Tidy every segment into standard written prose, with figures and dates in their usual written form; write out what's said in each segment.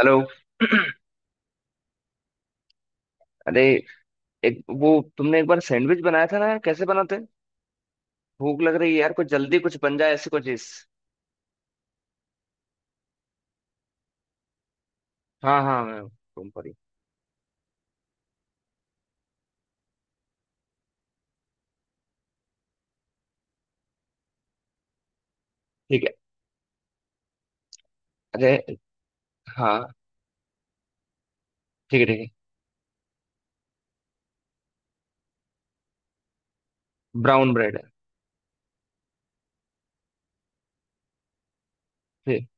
Hello. अरे एक वो तुमने एक बार सैंडविच बनाया था ना यार कैसे बनाते हैं? भूख लग रही है यार कुछ जल्दी कुछ बन जाए ऐसी कोई चीज। हाँ हाँ, मैं तुम पर ही। ठीक है। अरे हाँ, ठीक है ठीक है। ब्राउन ब्रेड है। ठीक।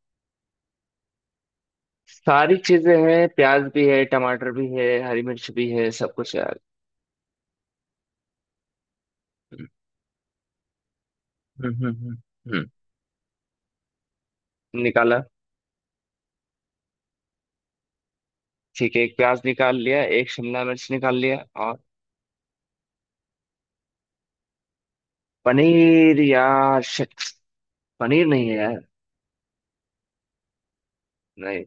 सारी चीजें हैं, प्याज भी है, टमाटर भी है, हरी मिर्च भी है, सब कुछ है यार। हम्म। हम्म। निकाला। ठीक है, एक प्याज निकाल लिया, एक शिमला मिर्च निकाल लिया। और पनीर यार शिट। पनीर नहीं है यार। नहीं।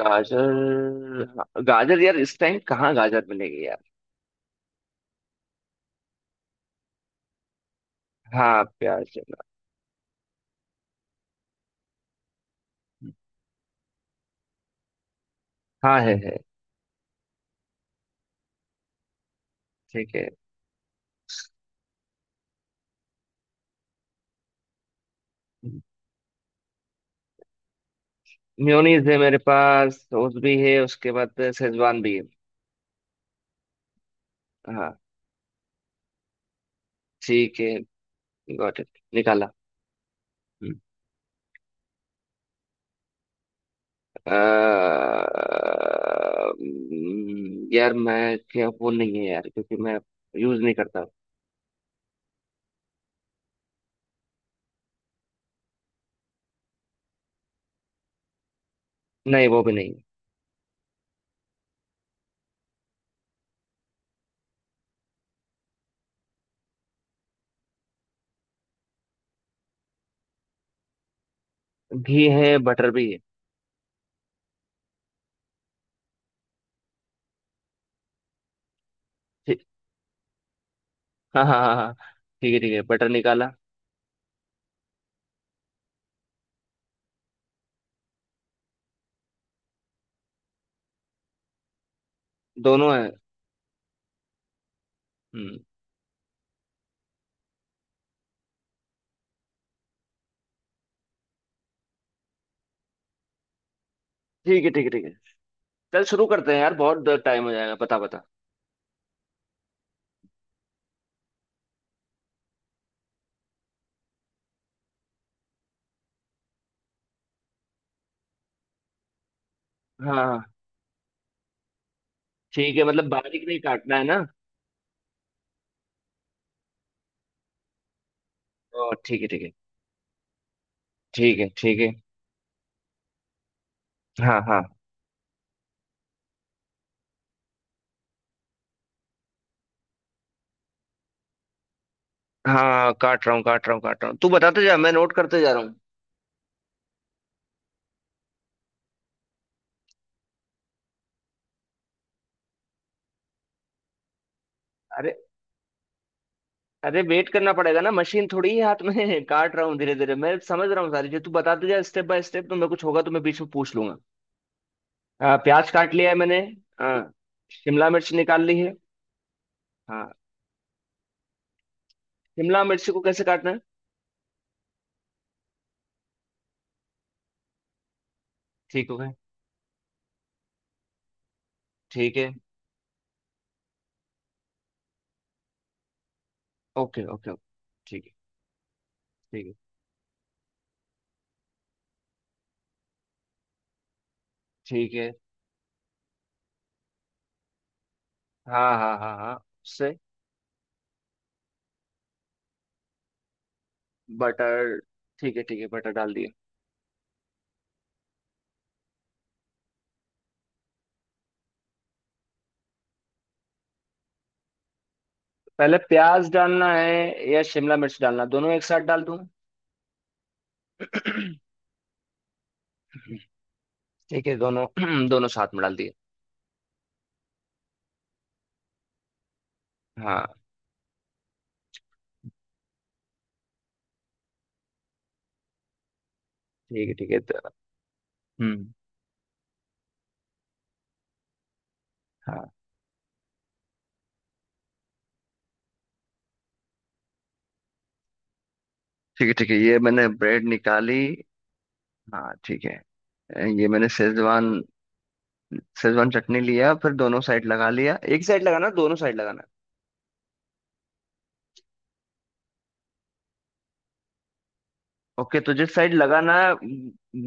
गाजर हाँ, गाजर यार इस टाइम कहाँ गाजर मिलेगी यार। हाँ प्याज है। हाँ है है। ठीक है। मेयोनीज है मेरे पास, सॉस भी है, उसके बाद शेजवान भी है। हाँ। ठीक है। Got it. निकाला। हम्म। अ, यार मैं क्या वो नहीं है यार क्योंकि मैं यूज नहीं करता। नहीं वो भी नहीं है। घी है, बटर भी है। ठीक। हाँ हाँ हाँ हाँ, ठीक है ठीक है, बटर निकाला। दोनों है। हम्म। ठीक है ठीक है ठीक है। चल शुरू करते हैं यार, बहुत टाइम हो जाएगा, पता पता। हाँ हाँ, ठीक है मतलब बारीक नहीं काटना है ना। ओ ठीक है ठीक है। ठीक है ठीक है। हाँ हाँ। हाँ काट रहा हूँ काट रहा हूँ काट रहा हूँ, तू बताते जा, मैं नोट करते जा रहा हूँ। अरे। अरे वेट करना पड़ेगा ना, मशीन थोड़ी है हाथ में काट रहा हूँ धीरे धीरे, मैं समझ रहा हूँ सारी चीज, तू बताते जा स्टेप बाय स्टेप, तो मैं कुछ होगा तो मैं बीच में पूछ लूंगा। प्याज काट लिया है मैंने। हाँ। शिमला मिर्च निकाल ली है। हाँ। शिमला मिर्च को कैसे काटना है? ठीक हो गया। ठीक है। ओके ओके ओके ठीक है। ठीक है ठीक है। हाँ हाँ हाँ हाँ उससे। बटर। ठीक है बटर डाल दिया। पहले प्याज डालना है या शिमला मिर्च डालना, दोनों एक साथ डाल दूं? ठीक है दोनों, दोनों साथ में डाल दिए। हाँ। ठीक है तो-। हम्म। हाँ ठीक है ये मैंने ब्रेड निकाली। हाँ ठीक है। ये मैंने शेजवान, शेजवान चटनी लिया, फिर दोनों साइड लगा लिया, एक साइड लगाना दोनों साइड लगाना? ओके तो जिस साइड लगाना है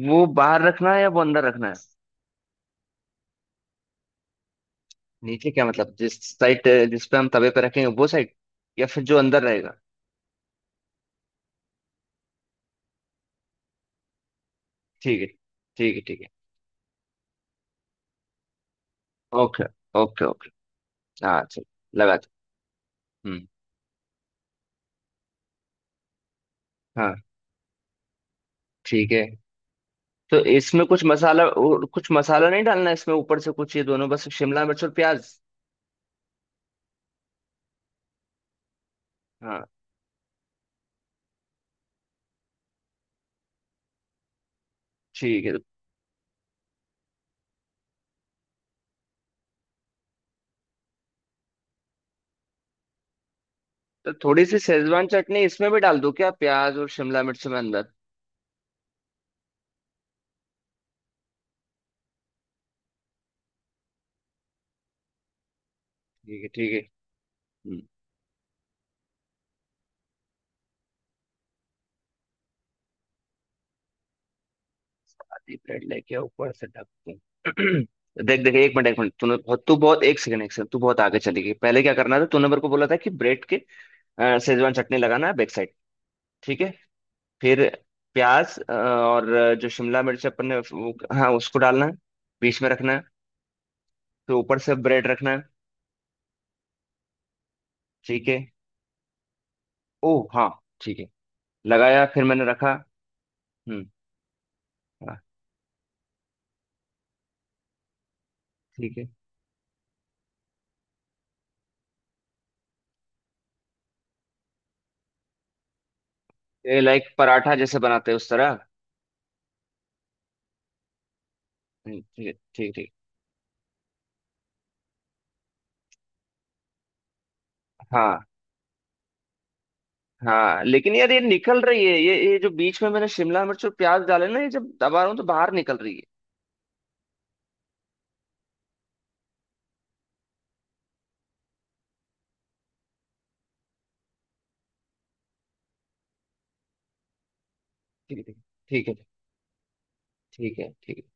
वो बाहर रखना है या वो अंदर रखना है? नीचे क्या मतलब, जिस साइड जिस पे हम तवे पे रखेंगे वो साइड, या फिर जो अंदर रहेगा? ठीक है। ठीक है ठीक है। Okay okay okay. हाँ चल। लगा था। हम्म। हाँ। ठीक है तो इसमें कुछ मसाला और कुछ मसाला नहीं डालना, इसमें ऊपर से कुछ, ये दोनों बस शिमला मिर्च और प्याज? हाँ। ठीक है। तो थोड़ी सी शेजवान चटनी इसमें भी डाल दो क्या, प्याज और शिमला मिर्च में अंदर? ठीक है ठीक है। हम्म, शादी ब्रेड लेके ऊपर से ढक दूं? देख देख, एक मिनट एक मिनट, तूने बहुत तू बहुत, एक सेकंड एक सेकंड, तू बहुत आगे चली गई। पहले क्या करना था तूने मेरे को बोला था कि ब्रेड के शेजवान चटनी लगाना है बैक साइड। ठीक है। फिर प्याज और जो शिमला मिर्च अपन ने हाँ उसको डालना है, बीच में रखना है, फिर ऊपर से ब्रेड रखना है। ठीक है। ओ हाँ। ठीक है। लगाया, फिर मैंने रखा। हम्म। हाँ। ठीक है, ये लाइक पराठा जैसे बनाते हैं उस तरह? ठीक है ठीक ठीक। हाँ हाँ, लेकिन यार ये निकल रही है, ये जो बीच में मैंने शिमला मिर्च और प्याज डाले ना, ये जब दबा रहा हूँ तो बाहर निकल रही है। ठीक है ठीक है। ठीक है ठीक है ठीक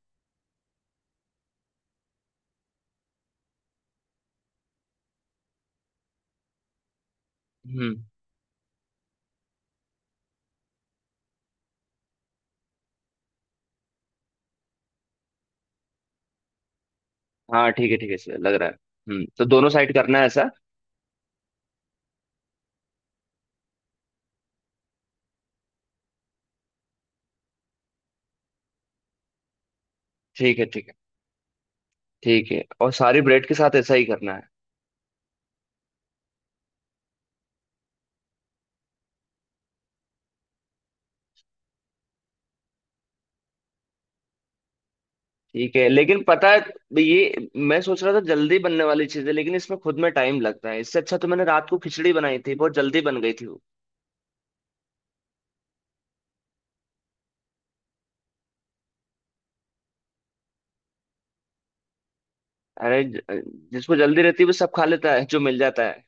है। हम्म। हाँ ठीक है ठीक है, सर लग रहा है। हम्म, तो दोनों साइड करना है ऐसा? ठीक है ठीक है ठीक है, और सारी ब्रेड के साथ ऐसा ही करना है? ठीक है, लेकिन पता है ये मैं सोच रहा था जल्दी बनने वाली चीज है, लेकिन इसमें खुद में टाइम लगता है, इससे अच्छा तो मैंने रात को खिचड़ी बनाई थी, बहुत जल्दी बन गई थी वो। अरे जिसको जल्दी रहती है वो सब खा लेता है जो मिल जाता है।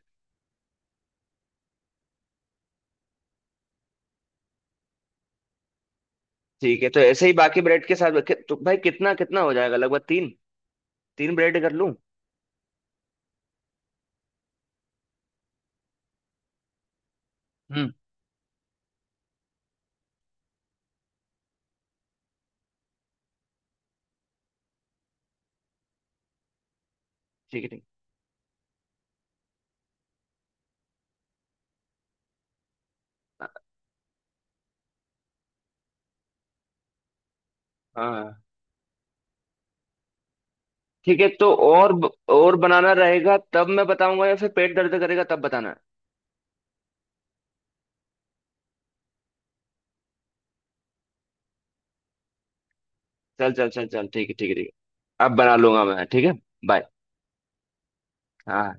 ठीक है, तो ऐसे ही बाकी ब्रेड के साथ तो भाई कितना कितना हो जाएगा, लगभग तीन, तीन ब्रेड कर लूं? हम्म। ठीक है ठीक। हाँ ठीक है, तो और और बनाना रहेगा तब मैं बताऊंगा, या फिर पेट दर्द करेगा तब बताना है? चल चल चल चल, ठीक है ठीक है ठीक है, अब बना लूंगा मैं, ठीक है। बाय। हाँ।